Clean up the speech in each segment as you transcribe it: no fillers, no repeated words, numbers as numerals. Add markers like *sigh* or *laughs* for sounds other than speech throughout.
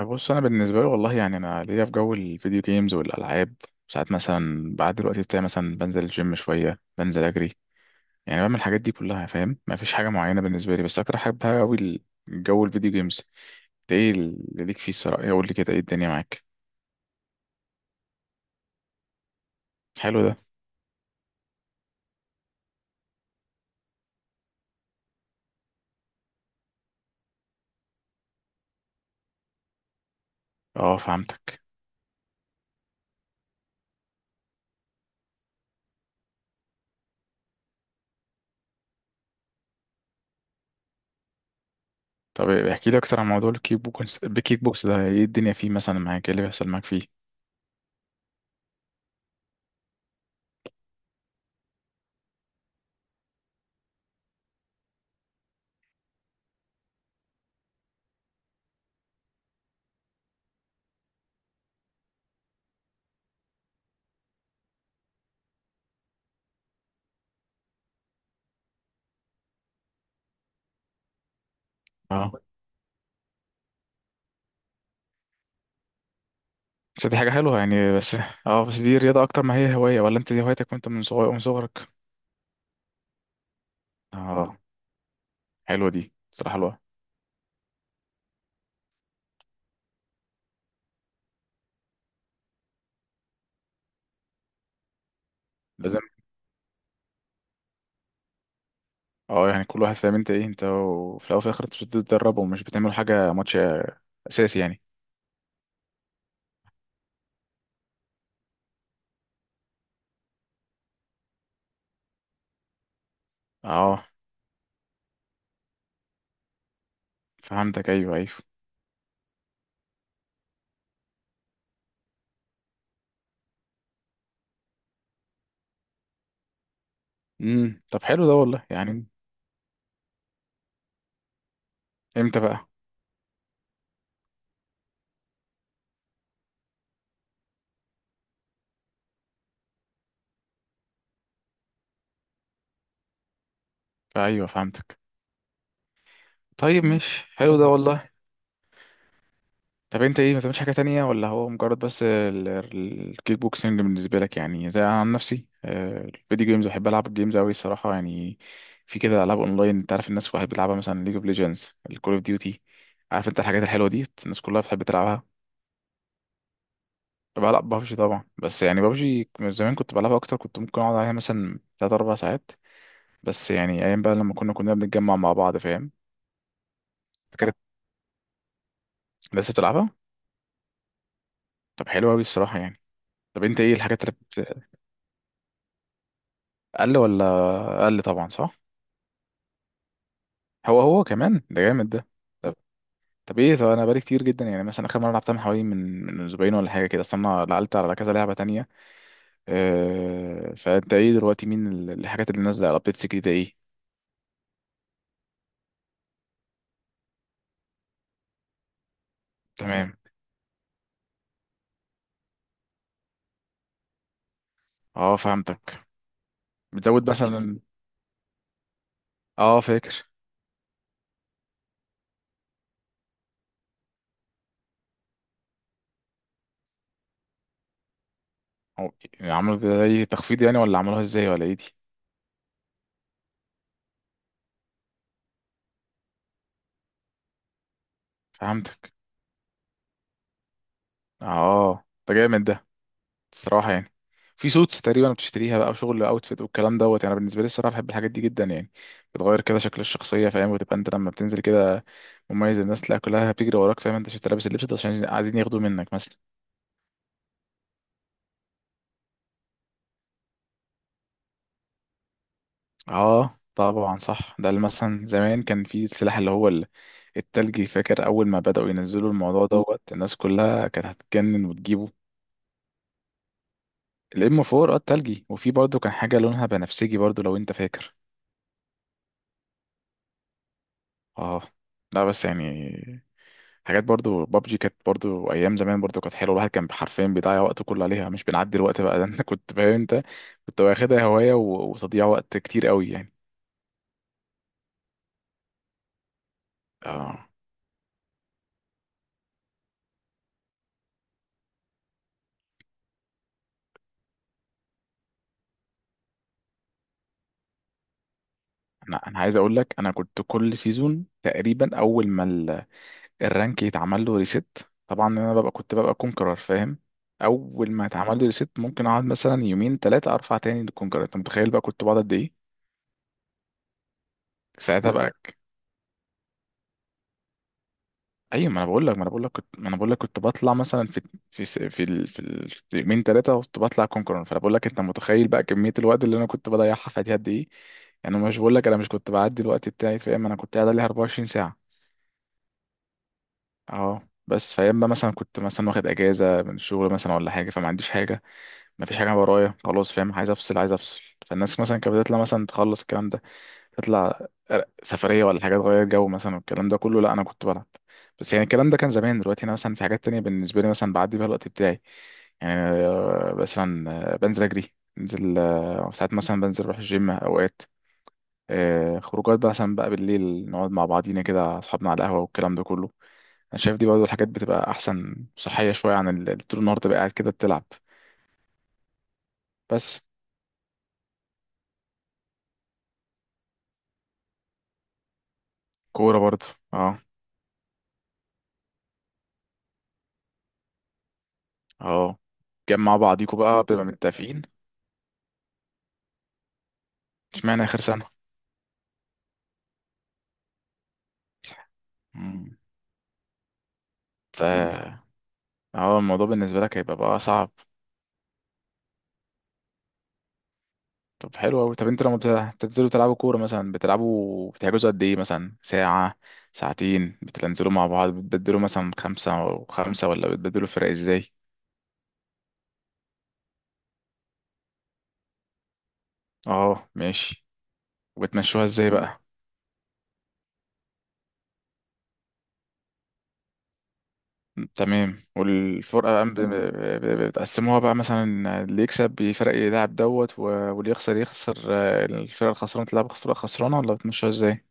بص انا بالنسبه لي والله يعني انا ليا في جو الفيديو جيمز والالعاب. ساعات مثلا بعد الوقت بتاعي مثلا بنزل الجيم شويه، بنزل اجري، يعني بعمل الحاجات دي كلها، فاهم؟ ما فيش حاجه معينه بالنسبه لي، بس اكتر حاجه بحبها قوي الجو الفيديو جيمز ده. ايه اللي ليك فيه الصراحه؟ إيه قول لي كده، ايه الدنيا معاك؟ حلو ده. اه فهمتك. طب احكي لي اكتر عن موضوع الكيك بوكس ده ايه الدنيا فيه مثلا معاك؟ ايه اللي بيحصل معاك فيه؟ اه، بس دي حاجه حلوه يعني. بس اه، بس دي رياضه اكتر ما هي هوايه، ولا انت دي هوايتك وانت من صغير من صغرك؟ اه، حلوه دي صراحه الواحد. لازم. اه يعني كل واحد فاهم انت ايه. انت وفي الاول وفي الاخر انت بتتدربوا ومش بتعملوا حاجه ماتش اساسي يعني. اه فهمتك، ايوه ايوه. طب حلو ده والله يعني. امتى بقى؟ ايوه فهمتك. طيب مش حلو ده والله. طب انت ايه، ما بتعملش حاجه تانية، ولا هو مجرد بس الكيك بوكسنج بالنسبه لك؟ يعني زي انا عن نفسي، الفيديو جيمز بحب العب الجيمز قوي الصراحه يعني. في كده العاب اونلاين، انت عارف الناس بتحب تلعبها مثلا، ليج اوف ليجندز، الكول اوف ديوتي، عارف انت الحاجات الحلوه دي الناس كلها بتحب تلعبها. بلعب ببجي طبعا، بس يعني ببجي من زمان كنت بلعبها اكتر، كنت ممكن اقعد عليها مثلا 3 4 ساعات. بس يعني ايام بقى لما كنا بنتجمع مع بعض، فاهم؟ فكانت. لسه بتلعبها؟ طب حلوه قوي الصراحه يعني. طب انت ايه الحاجات اللي بت- اقل ولا؟ اقل طبعا، صح. هو هو كمان ده، جامد ده. طب طب ايه؟ طب انا بقالي كتير جدا يعني، مثلا اخر مره لعبتها من حوالي من اسبوعين ولا حاجه كده، اصل انا لعلت على كذا لعبه تانية. أه، فانت ايه دلوقتي، مين الحاجات اللي نازله على ابديتس جديده ايه؟ تمام. اه فهمتك. بتزود مثلا. اه فاكر. هو يعني عملوا زي تخفيض يعني، ولا عملوها ازاي، ولا ايه دي؟ فهمتك. اه ده جامد ده الصراحه يعني. في سوتس تقريبا بتشتريها بقى، وشغل اوتفيت والكلام دوت، يعني بالنسبه لي الصراحه بحب الحاجات دي جدا يعني. بتغير كده شكل الشخصيه، فاهم؟ وتبقى انت لما بتنزل كده مميز، الناس تلاقي كلها بتجري وراك، فاهم؟ انت شفت لابس اللبس ده، عشان عايزين ياخدوه منك مثلا. اه طبعا صح، ده اللي مثلا زمان كان في السلاح اللي هو التلجي، فاكر اول ما بدأوا ينزلوا الموضوع دوت الناس كلها كانت هتتجنن وتجيبه؟ الام 4، اه التلجي. وفي برضه كان حاجه لونها بنفسجي برضه، لو انت فاكر. اه، لا بس يعني حاجات برضو بابجي كانت برضو، ايام زمان برضو كانت حلوه. الواحد كان حرفيا بيضيع وقته كله عليها، مش بنعدي الوقت بقى ده *laughs* انت كنت فاهم انت كنت واخدها هوايه وتضييع وقت كتير قوي يعني. اه، انا عايز اقول لك، انا كنت كل سيزون تقريبا اول ما الرانك يتعمل له ريست، طبعا انا كنت ببقى كونكرر فاهم. اول ما يتعمل لي ريست ممكن اقعد مثلا يومين ثلاثه ارفع تاني للكونكرر. انت متخيل بقى كنت بقعد قد ايه؟ ساعتها بقى. ايوه، ما انا بقول لك ما انا بقول لك كنت ما انا بقول لك كنت بطلع مثلا في، في يومين ثلاثه كنت بطلع كونكرون. فانا بقول لك، انت متخيل بقى كميه الوقت اللي انا كنت بضيعها في دي قد ايه؟ يعني مش بقول لك انا مش كنت بعدي الوقت بتاعي، فاهم؟ انا كنت قاعد عليها 24 ساعه. اه بس فاهم بقى، مثلا كنت مثلا واخد اجازه من الشغل مثلا ولا حاجه، فما عنديش حاجه، ما فيش حاجه ورايا خلاص. فاهم؟ عايز افصل عايز افصل. فالناس مثلا كانت بتطلع مثلا، تخلص الكلام ده، تطلع سفرية ولا حاجة تغير جو مثلا والكلام ده كله، لا أنا كنت بلعب. بس يعني الكلام ده كان زمان. دلوقتي أنا مثلا في حاجات تانية بالنسبة لي مثلا بعدي بيها الوقت بتاعي يعني. مثلا بنزل أجري، بنزل ساعات مثلا بنزل أروح الجيم أوقات، خروجات بقى مثلا بقى بالليل نقعد مع بعضينا كده أصحابنا على القهوة والكلام ده كله. أنا شايف دي برضه الحاجات بتبقى أحسن، صحية شوية عن طول النهار تبقى قاعد كده بتلعب. بس. كورة برضه. اه. اه. جمع بعضيكوا بقى بتبقى متفقين. اشمعنى آخر سنة؟ فهو الموضوع بالنسبة لك هيبقى بقى صعب. طب حلو أوي. طب انت لما بتنزلوا تلعبوا كورة مثلا، بتلعبوا بتحجزوا قد ايه مثلا؟ ساعة ساعتين؟ بتنزلوا مع بعض بتبدلوا مثلا خمسة وخمسة، ولا بتبدلوا فرق ازاي؟ اه ماشي. وبتمشوها ازاي بقى؟ تمام. والفرقة بقى بتقسموها بقى مثلا، اللي يكسب بيفرق يلعب دوت واللي يخسر يخسر، الفرقة الخسرانة تلعب فرقة خسرانة، ولا بتمشوها ازاي؟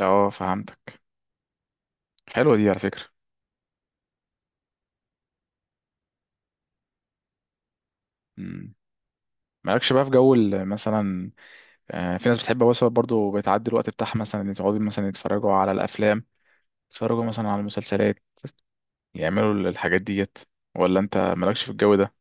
اه فهمتك. حلوة دي على فكرة. مم. مالكش بقى في جو مثلا، في ناس بتحب مثلا برضو بتعدي الوقت بتاعها مثلا إن يقعدوا مثلا يتفرجوا على الافلام، يتفرجوا مثلا على المسلسلات، يعملوا الحاجات ديت؟ ولا انت مالكش في الجو ده؟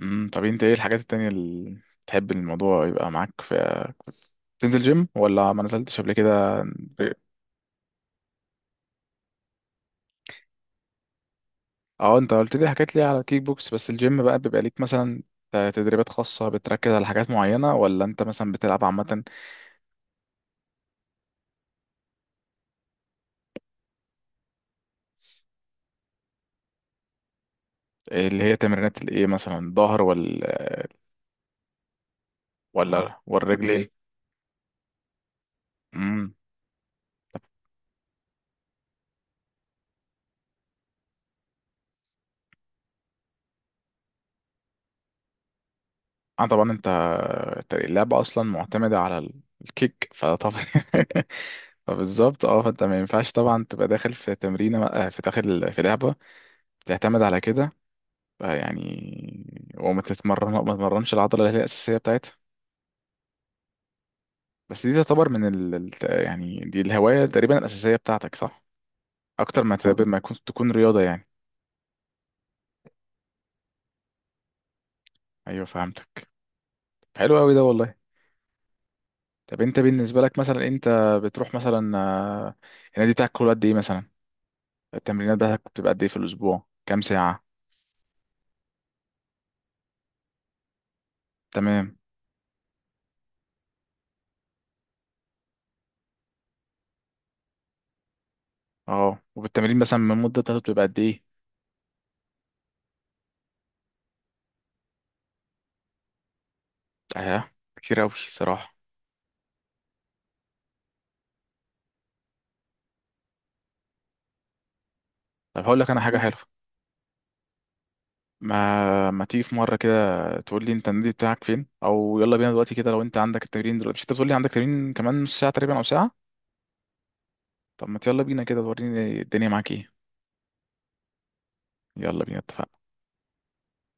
طب انت ايه الحاجات التانية اللي تحب الموضوع يبقى معاك في؟ تنزل جيم، ولا ما نزلتش قبل كده؟ اه انت قلت لي حكيت لي على الكيك بوكس، بس الجيم بقى بيبقى ليك مثلا تدريبات خاصة بتركز على حاجات معينة، ولا انت مثلا بتلعب عامة؟ اللي هي تمرينات الايه مثلا، الظهر ولا؟ ولا والرجلين. امم اه طبعا، انت اللعبة اصلا معتمدة على الكيك، فطبعا *laughs* فبالظبط، اه فانت ما ينفعش طبعا تبقى داخل في تمرينة، في داخل في لعبة تعتمد على كده يعني، وما تتمرن ما تتمرنش العضلة اللي هي الأساسية بتاعتها. بس دي تعتبر من يعني دي الهواية تقريبا الأساسية بتاعتك، صح؟ أكتر ما تبقى ما يكون- تكون رياضة يعني. أيوه فهمتك. حلو أوي ده والله. طب أنت بالنسبة لك مثلا، أنت بتروح مثلا النادي بتاعك كل قد إيه مثلا؟ التمرينات بتاعتك بتبقى قد ايه في الاسبوع، كام ساعه؟ تمام. اه وبالتمرين مثلا من المده بتاعته بتبقى قد ايه؟ اه كتير قوي صراحه. طب هقول لك انا حاجه حلوه، ما تيجي في مره كده تقول لي انت النادي بتاعك فين، او يلا بينا دلوقتي كده لو انت عندك التمرين دلوقتي، مش انت بتقول لي عندك تمرين كمان نص ساعه تقريبا او ساعه؟ طب ما يلا بينا كده، وريني الدنيا معاك ايه. يلا بينا، اتفقنا.